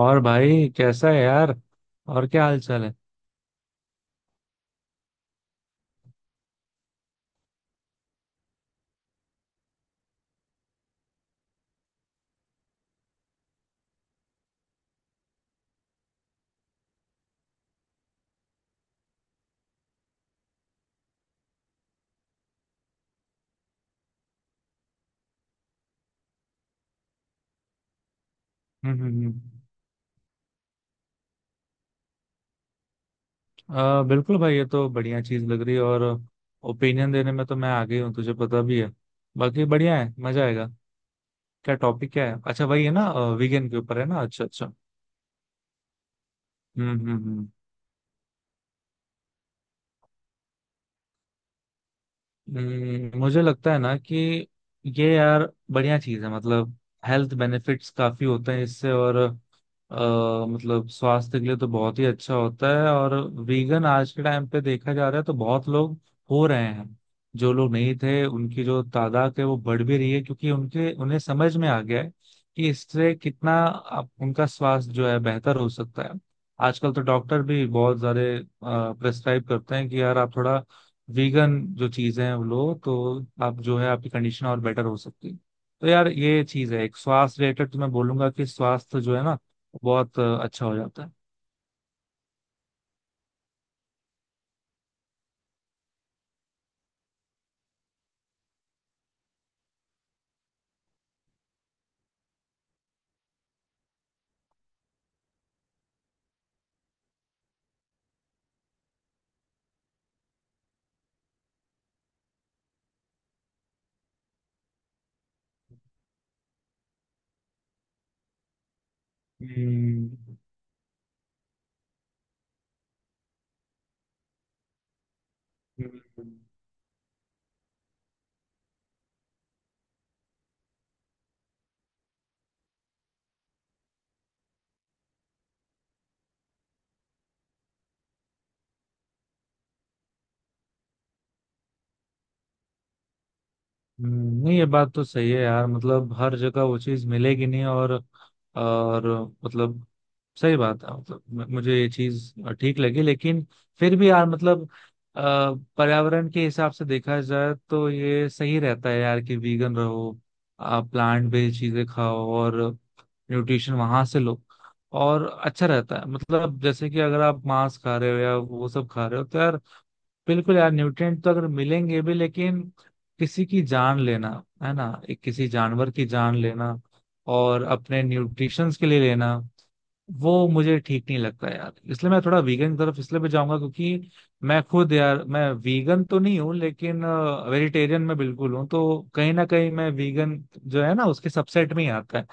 और भाई कैसा है यार। और क्या हाल चाल है। हम्म। बिल्कुल भाई, ये तो बढ़िया चीज लग रही है। और ओपिनियन देने में तो मैं आ गई हूँ, तुझे पता भी है। बाकी बढ़िया है, मजा आएगा। क्या टॉपिक, क्या है, अच्छा वही है ना। वीगेन के ऊपर है ना, अच्छा अच्छा। हम्म हम्म हम्म मुझे लगता है ना कि ये यार बढ़िया चीज है। मतलब हेल्थ बेनिफिट्स काफी होते हैं इससे। और मतलब स्वास्थ्य के लिए तो बहुत ही अच्छा होता है। और वीगन आज के टाइम पे देखा जा रहा है तो बहुत लोग हो रहे हैं। जो लोग नहीं थे उनकी जो तादाद है वो बढ़ भी रही है, क्योंकि उनके उन्हें समझ में आ गया है कि इससे कितना उनका स्वास्थ्य जो है बेहतर हो सकता है। आजकल तो डॉक्टर भी बहुत सारे प्रेस्क्राइब करते हैं कि यार आप थोड़ा वीगन जो चीजें हैं वो लो तो आप जो है आपकी कंडीशन और बेटर हो सकती है। तो यार ये चीज है एक स्वास्थ्य रिलेटेड, तो मैं बोलूंगा कि स्वास्थ्य जो है ना बहुत अच्छा हो जाता है। हम्म हम्म। नहीं, ये बात तो सही है यार। मतलब हर जगह वो चीज मिलेगी नहीं। और मतलब सही बात है। मतलब मुझे ये चीज ठीक लगी, लेकिन फिर भी यार मतलब अ, पर्यावरण के हिसाब से देखा जाए तो ये सही रहता है यार कि वीगन रहो। आप प्लांट बेस्ड चीजें खाओ और न्यूट्रिशन वहां से लो, और अच्छा रहता है। मतलब जैसे कि अगर आप मांस खा रहे हो या वो सब खा रहे हो तो यार बिल्कुल यार न्यूट्रिएंट तो अगर मिलेंगे भी, लेकिन किसी की जान लेना, है ना, एक किसी जानवर की जान लेना और अपने न्यूट्रिशंस के लिए लेना, वो मुझे ठीक नहीं लगता यार। इसलिए मैं थोड़ा वीगन की तरफ इसलिए भी जाऊंगा क्योंकि मैं खुद यार, मैं वीगन तो नहीं हूँ लेकिन वेजिटेरियन में बिल्कुल हूँ, तो कहीं ना कहीं मैं वीगन जो है ना उसके सबसेट में ही आता है।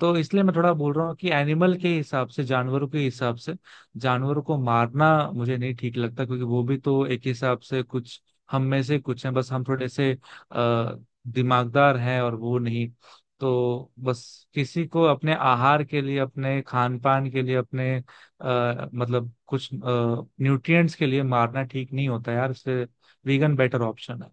तो इसलिए मैं थोड़ा बोल रहा हूँ कि एनिमल के हिसाब से, जानवरों के हिसाब से, जानवरों को मारना मुझे नहीं ठीक लगता, क्योंकि वो भी तो एक हिसाब से कुछ हम में से कुछ हैं। बस हम थोड़े से आ, दिमागदार हैं और वो नहीं। तो बस किसी को अपने आहार के लिए, अपने खान पान के लिए, अपने मतलब कुछ न्यूट्रिएंट्स के लिए मारना ठीक नहीं होता यार। इससे वीगन बेटर ऑप्शन है।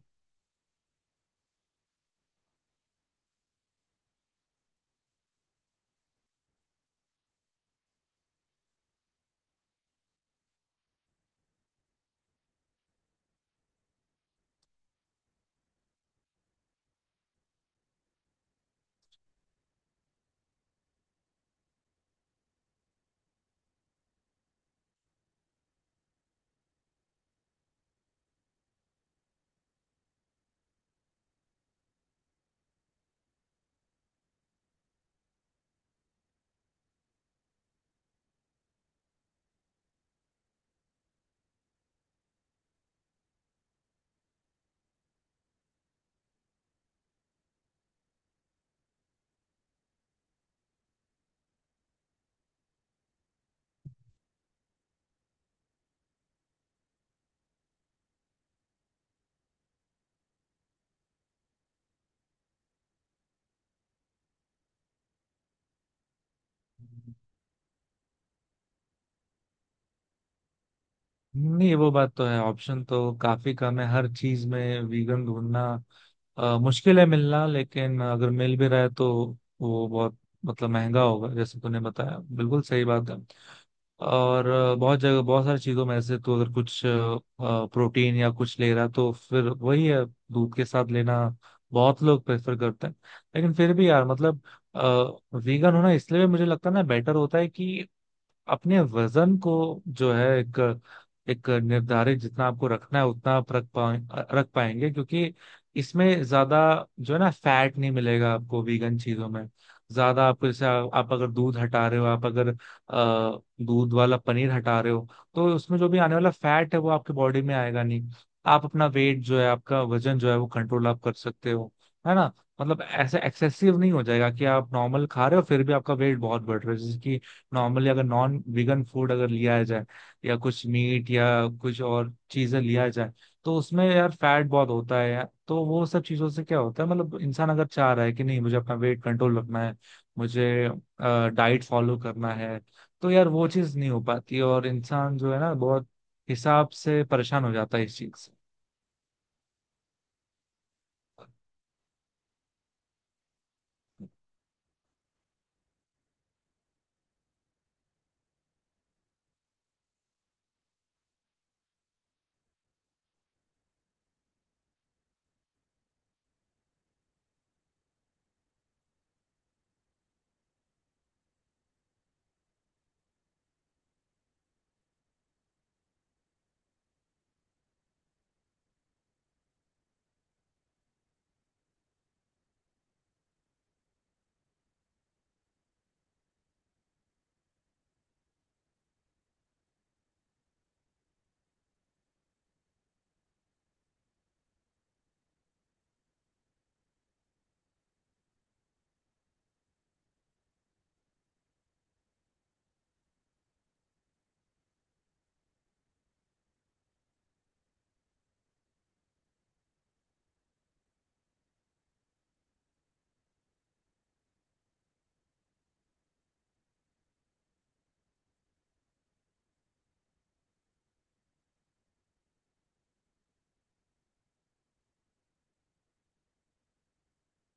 नहीं, वो बात तो है, ऑप्शन तो काफी कम है, हर चीज में वीगन ढूंढना मुश्किल है मिलना। लेकिन अगर मिल भी रहा है तो वो बहुत, मतलब महंगा होगा, जैसे तूने बताया, बिल्कुल सही बात है। और बहुत जगह बहुत सारी चीजों में ऐसे तो अगर कुछ प्रोटीन या कुछ ले रहा तो फिर वही है, दूध के साथ लेना बहुत लोग प्रेफर करते हैं। लेकिन फिर भी यार मतलब वीगन होना इसलिए भी मुझे लगता है ना बेटर होता है कि अपने वजन को जो है एक एक निर्धारित, जितना आपको रखना है उतना आप रख पाएंगे, क्योंकि इसमें ज्यादा जो है ना फैट नहीं मिलेगा आपको वीगन चीजों में ज्यादा। आपको जैसे आप अगर दूध हटा रहे हो, आप अगर अ, दूध वाला पनीर हटा रहे हो, तो उसमें जो भी आने वाला फैट है वो आपके बॉडी में आएगा नहीं। आप अपना वेट जो है, आपका वजन जो है वो कंट्रोल आप कर सकते हो, है ना। मतलब ऐसे एक्सेसिव नहीं हो जाएगा कि आप नॉर्मल खा रहे हो फिर भी आपका वेट बहुत बढ़ रहा है। जैसे कि नॉर्मली अगर नॉन वीगन फूड अगर लिया जाए या कुछ मीट या कुछ और चीजें लिया जाए तो उसमें यार फैट बहुत होता है यार। तो वो सब चीजों से क्या होता है, मतलब इंसान अगर चाह रहा है कि नहीं मुझे अपना वेट कंट्रोल रखना है, मुझे डाइट फॉलो करना है, तो यार वो चीज नहीं हो पाती और इंसान जो है ना बहुत हिसाब से परेशान हो जाता है इस चीज से।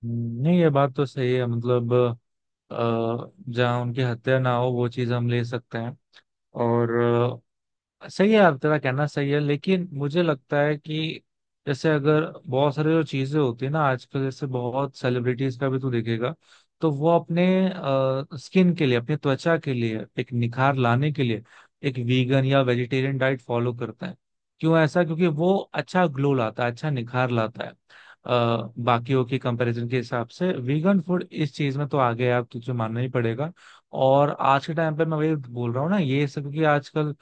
नहीं, ये बात तो सही है। मतलब जहाँ उनकी हत्या ना हो वो चीज हम ले सकते हैं, और सही है। तेरा कहना सही है, लेकिन मुझे लगता है कि जैसे अगर बहुत सारी जो चीजें होती है ना आजकल, जैसे बहुत सेलिब्रिटीज का भी तू देखेगा तो वो अपने स्किन के लिए, अपनी त्वचा के लिए, एक निखार लाने के लिए एक वीगन या वेजिटेरियन डाइट फॉलो करते हैं। क्यों ऐसा? क्योंकि वो अच्छा ग्लो लाता है, अच्छा निखार लाता है। अ, बाकियों के कंपैरिजन के हिसाब से वीगन फूड इस चीज में तो आगे है, आप तुझे मानना ही पड़ेगा। और आज के टाइम पे मैं वही बोल रहा हूँ ना ये सब, क्योंकि आजकल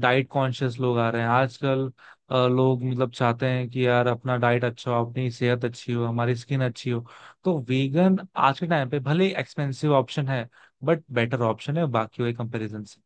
डाइट कॉन्शियस लोग आ रहे हैं आजकल। लोग मतलब चाहते हैं कि यार अपना डाइट अच्छा हो, अपनी सेहत अच्छी हो, हमारी स्किन अच्छी हो। तो वीगन आज के टाइम पे भले एक्सपेंसिव ऑप्शन है बट बेटर ऑप्शन है, बाकी के कंपैरिजन से।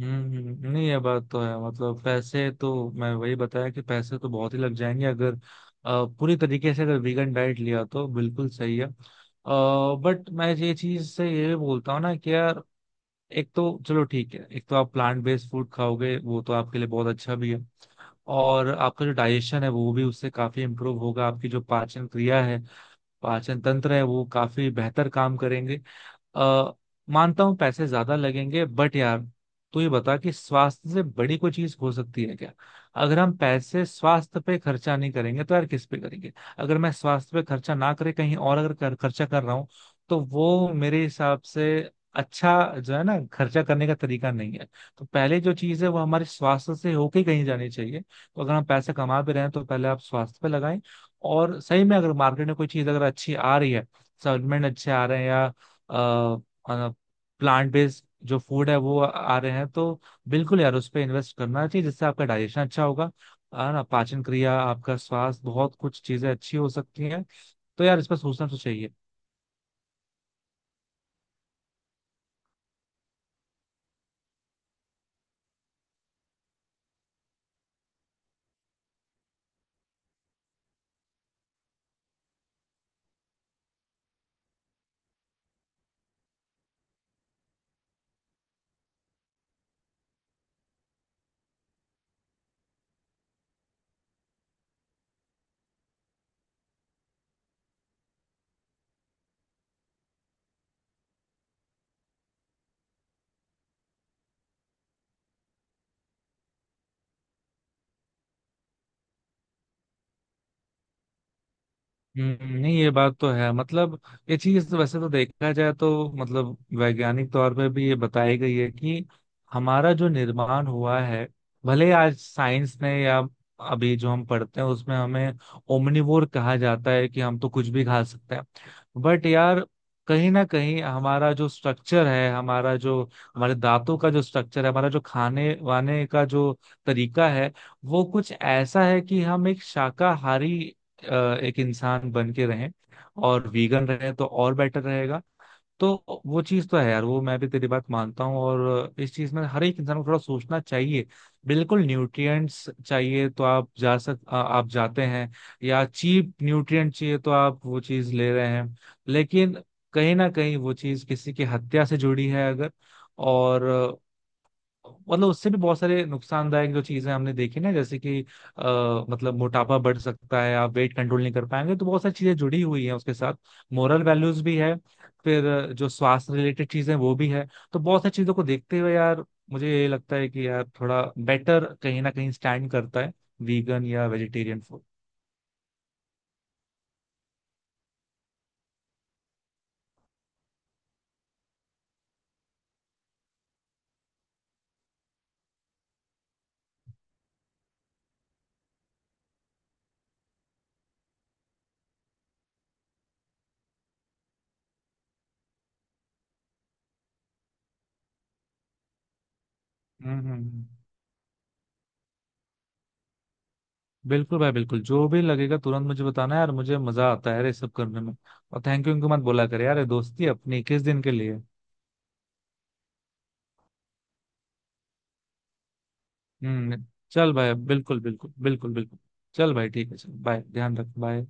नहीं, ये बात तो है। मतलब पैसे तो, मैं वही बताया कि पैसे तो बहुत ही लग जाएंगे अगर पूरी तरीके से अगर वीगन डाइट लिया, तो बिल्कुल सही है। बट मैं ये चीज से ये भी बोलता हूँ ना कि यार एक तो चलो ठीक है, एक तो आप प्लांट बेस्ड फूड खाओगे वो तो आपके लिए बहुत अच्छा भी है, और आपका जो डाइजेशन है वो भी उससे काफी इम्प्रूव होगा। आपकी जो पाचन क्रिया है, पाचन तंत्र है, वो काफी बेहतर काम करेंगे। अ, मानता हूँ पैसे ज्यादा लगेंगे बट यार, तू ये बता कि स्वास्थ्य से बड़ी कोई चीज हो सकती है क्या? अगर हम पैसे स्वास्थ्य पे खर्चा नहीं करेंगे तो यार किस पे करेंगे? अगर मैं स्वास्थ्य पे खर्चा ना करे कहीं और अगर खर्चा कर रहा हूँ, तो वो मेरे हिसाब से अच्छा जो है ना खर्चा करने का तरीका नहीं है। तो पहले जो चीज है वो हमारे स्वास्थ्य से होके ही कहीं जानी चाहिए। तो अगर हम पैसे कमा भी रहे हैं तो पहले आप स्वास्थ्य पे लगाएं। और सही में अगर मार्केट में कोई चीज अगर अच्छी आ रही है, सप्लीमेंट अच्छे आ रहे हैं या प्लांट बेस्ड जो फूड है वो आ रहे हैं, तो बिल्कुल यार उस पर इन्वेस्ट करना चाहिए, जिससे आपका डाइजेशन अच्छा होगा, है ना, पाचन क्रिया, आपका स्वास्थ्य, बहुत कुछ चीजें अच्छी हो सकती हैं। तो यार इस पर सोचना तो चाहिए। नहीं, ये बात तो है। मतलब ये चीज तो वैसे तो देखा जाए तो मतलब वैज्ञानिक तौर पे भी ये बताई गई है कि हमारा जो निर्माण हुआ है, भले आज साइंस ने या अभी जो हम पढ़ते हैं उसमें हमें ओमनिवोर कहा जाता है कि हम तो कुछ भी खा सकते हैं, बट यार कहीं ना कहीं हमारा जो स्ट्रक्चर है, हमारा जो हमारे दांतों का जो स्ट्रक्चर है, हमारा जो खाने वाने का जो तरीका है, वो कुछ ऐसा है कि हम एक शाकाहारी एक इंसान बन के रहें और वीगन रहे तो और बेटर रहेगा। तो वो चीज तो है यार, वो मैं भी तेरी बात मानता हूँ, और इस चीज में हर एक इंसान को थोड़ा सोचना चाहिए। बिल्कुल न्यूट्रिएंट्स चाहिए तो आप आप जाते हैं, या चीप न्यूट्रिएंट चाहिए तो आप वो चीज ले रहे हैं, लेकिन कहीं ना कहीं वो चीज किसी की हत्या से जुड़ी है अगर। और मतलब उससे भी बहुत सारे नुकसानदायक जो चीजें हमने देखी ना, जैसे कि मतलब मोटापा बढ़ सकता है, आप वेट कंट्रोल नहीं कर पाएंगे, तो बहुत सारी चीजें जुड़ी हुई हैं उसके साथ। मोरल वैल्यूज भी है, फिर जो स्वास्थ्य रिलेटेड चीजें हैं, वो भी है। तो बहुत सारी चीजों को देखते हुए यार, मुझे ये लगता है कि यार थोड़ा बेटर कहीं ना कहीं स्टैंड करता है वीगन या वेजिटेरियन फूड। हम्म। बिल्कुल भाई, बिल्कुल, जो भी लगेगा तुरंत मुझे बताना यार। मुझे मजा आता है यार ये सब करने में। और थैंक यू इनको मत बोला करे यार, ये दोस्ती अपनी किस दिन के लिए। हम्म। चल भाई, बिल्कुल बिल्कुल बिल्कुल बिल्कुल। चल भाई ठीक है, चल बाय, ध्यान रख, बाय।